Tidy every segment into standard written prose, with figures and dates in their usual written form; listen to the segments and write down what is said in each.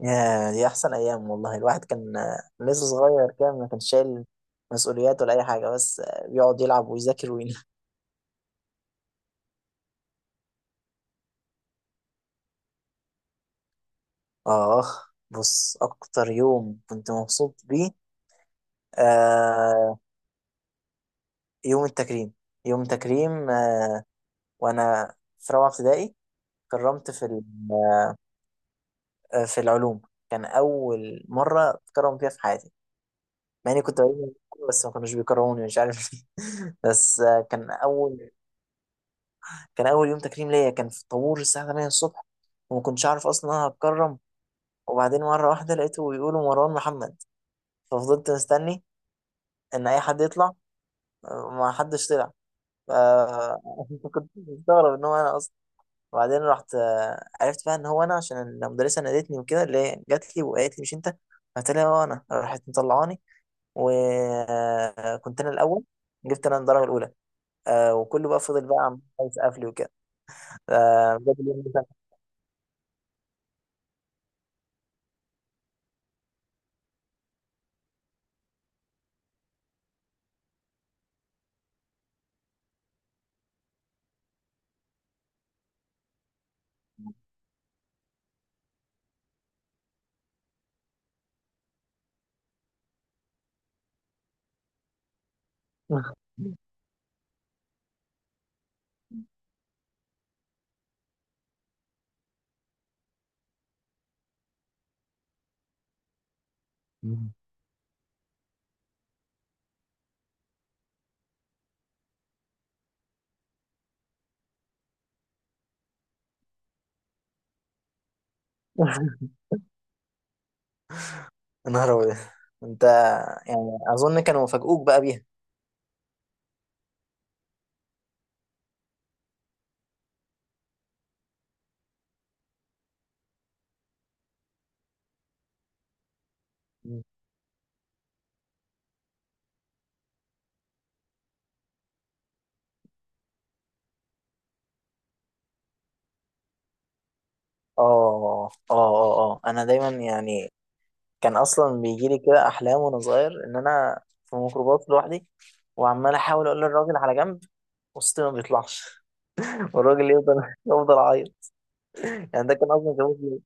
يا دي احسن ايام والله. الواحد كان لسه صغير، كان ما كانش شايل مسؤوليات ولا اي حاجه، بس بيقعد يلعب ويذاكر وين. اه، بص اكتر يوم كنت مبسوط بيه آه يوم التكريم. يوم التكريم، وانا في رابعه ابتدائي. كرمت في في العلوم. كان اول مره اتكرم فيها في حياتي، مع اني كنت بجيب مجموع، بس ما كانوش بيكرهوني مش عارف ليه. بس كان اول يوم تكريم ليا كان في الطابور الساعه 8 الصبح، وما كنتش اعرف اصلا إن انا هتكرم. وبعدين مره واحده لقيته بيقولوا مروان محمد، ففضلت مستني ان اي حد يطلع، ما حدش طلع. آه، كنت مستغرب ان هو انا اصلا. وبعدين رحت عرفت بقى ان هو انا، عشان المدرسه نادتني وكده، اللي هي جات لي وقالت لي مش انت؟ قلت لها هو انا راحت مطلعاني. وكنت انا الاول، جبت انا الدرجه الاولى، وكله بقى فضل بقى عم يسقف لي وكده. بجد اليوم ده كان- يا نهار أبيض. أنت يعني أظن كانوا مفاجئوك بقى بيها. مم. أنا دايما يعني كان أصلا بيجيلي كده أحلام وأنا صغير إن أنا في ميكروباص لوحدي، وعمال أحاول أقول للراجل على جنب وسطي ما بيطلعش. والراجل يفضل، عايط. يعني ده كان اصلا كابوس ليا.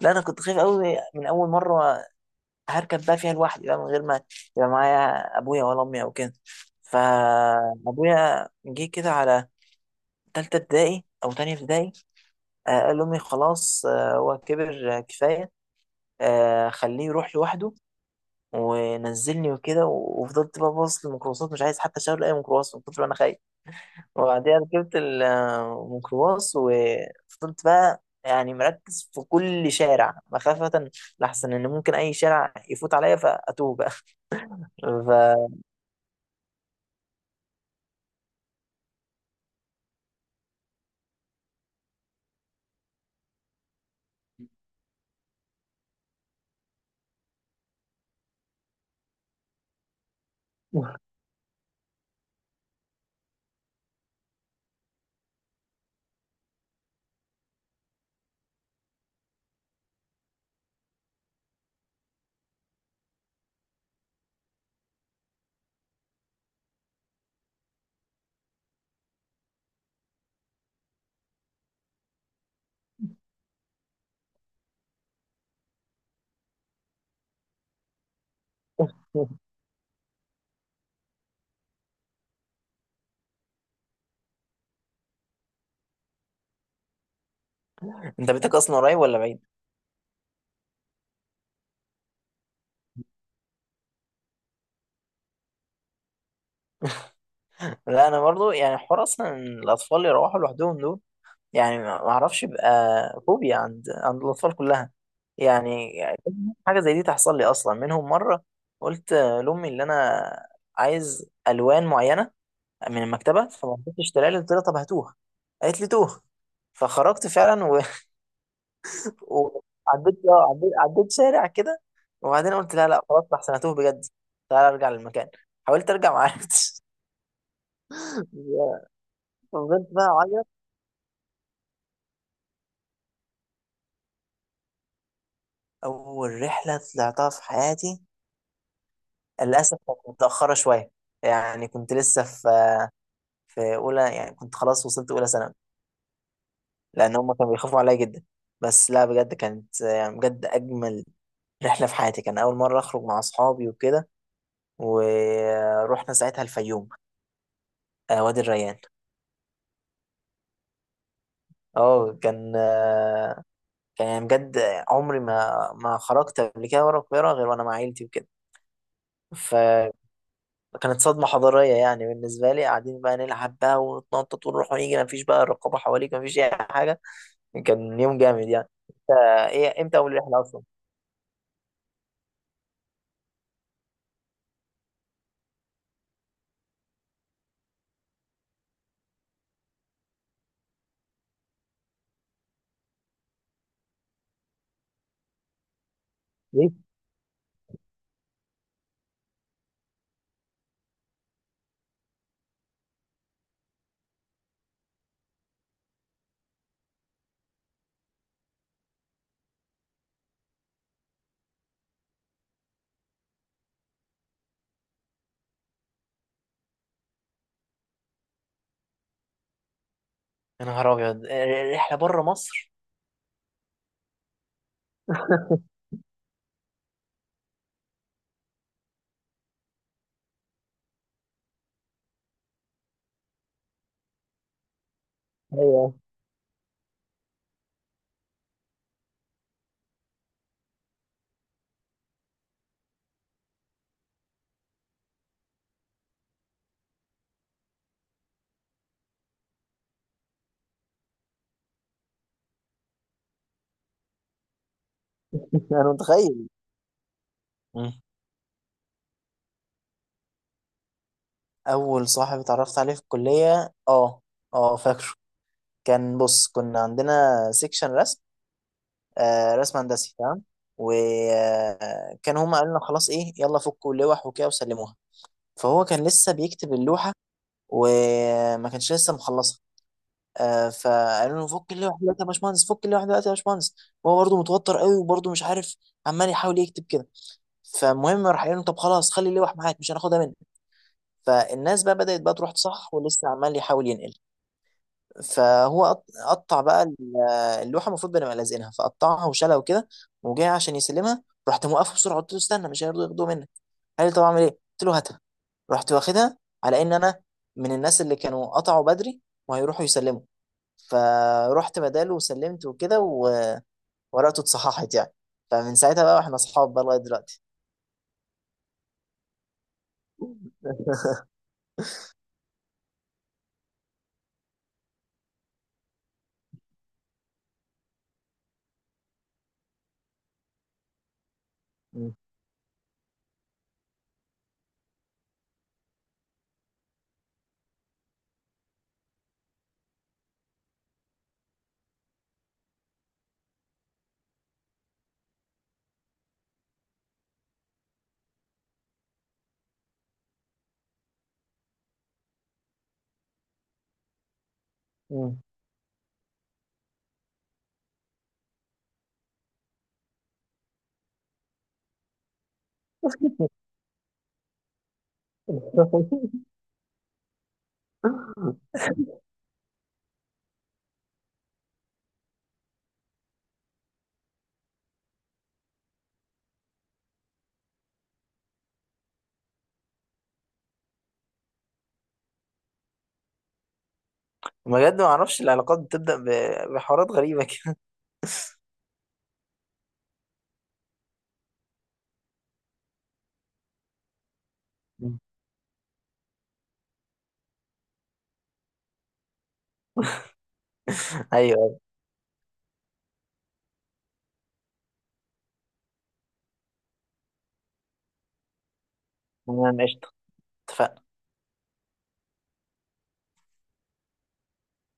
لا انا كنت خايف قوي من اول مره هركب بقى فيها لوحدي، بقى من غير ما يبقى معايا ابويا ولا امي او كده. فابويا جه كده على تالتة ابتدائي او تانية ابتدائي، قال لأمي خلاص، هو كبر، كفاية، خليه يروح لوحده. ونزلني وكده، وفضلت بقى باصص للميكروباصات مش عايز حتى اشاور اي ميكروباص من كتر ما انا خايف. وبعديها ركبت الميكروباص، وفضلت بقى يعني مركز في كل شارع، مخافة لحسن ان ممكن اي شارع يفوت عليا فاتوه بقى. ف... انت بيتك اصلا قريب ولا بعيد؟ لا انا برضو، يعني حوار اصلا إن الاطفال يروحوا لوحدهم دول، يعني ما اعرفش، يبقى فوبيا عند الاطفال كلها. يعني حاجه زي دي تحصل لي اصلا منهم مره. قلت لامي اللي انا عايز الوان معينه من المكتبه، فما رضتش اشتريها لي. قلت لها طب هاتوها، قالت لي توه. فخرجت فعلا وعديت اه عديت عديت شارع كده. وبعدين قلت لا، لا، خلاص احسن هتوه بجد، تعالى ارجع للمكان. حاولت ارجع ما عرفتش. فضلت بقى اعيط. اول رحله طلعتها في حياتي للأسف كانت متأخرة شوية، يعني كنت لسه في أولى، يعني كنت خلاص وصلت أولى ثانوي، لأن هم كانوا بيخافوا عليا جدا. بس لا بجد كانت يعني بجد أجمل رحلة في حياتي. كان أول مرة أخرج مع أصحابي وكده، ورحنا ساعتها الفيوم، وادي الريان. اه كان آه، كان يعني بجد عمري ما خرجت قبل كده ورا القاهرة غير وأنا مع عيلتي وكده. فكانت صدمة حضارية يعني بالنسبة لي، قاعدين بقى نلعب بقى ونتنطط ونروح ونيجي، مفيش بقى رقابة حواليك، مفيش أي حاجة. كان يوم جامد يعني. انت ايه امتى اول رحله اصلا؟ ليه؟ يا نهار ابيض، رحله بره مصر. ايوه. انا متخيل. مم. اول صاحب اتعرفت عليه في الكليه، اه، اه، فاكره. كان بص كنا عندنا سيكشن رسم، رسم هندسي، تمام. وكان هم قالوا لنا خلاص ايه يلا فكوا اللوح وكده وسلموها. فهو كان لسه بيكتب اللوحه وما كانش لسه مخلصها. فقالوا له فك اللوحه دلوقتي يا باشمهندس، فك اللوحه دلوقتي يا باشمهندس. هو برضه متوتر قوي وبرضه مش عارف، عمال يحاول يكتب كده. فالمهم راح قال له طب خلاص خلي اللوح معاك مش هناخدها منك. فالناس بقى بدأت بقى تروح تصحح، ولسه عمال يحاول ينقل. فهو قطع بقى اللوحه المفروض بنبقى لازقينها، فقطعها وشالها وكده وجاي عشان يسلمها. رحت موقفه بسرعه، قلت له استنى مش هيرضوا ياخدوها منك. قال لي طب اعمل ايه؟ قلت له هاتها. رحت واخدها على ان انا من الناس اللي كانوا قطعوا بدري وهيروحوا يسلموا. فرحت بداله وسلمت وكده، وورقته اتصححت يعني. فمن ساعتها بقى واحنا اصحاب بقى لغايه دلوقتي. مم. مم. بجد ما اعرفش العلاقات بتبدأ بحوارات غريبة كده. مم. ايوه. تمام، قشطة. اتفقنا.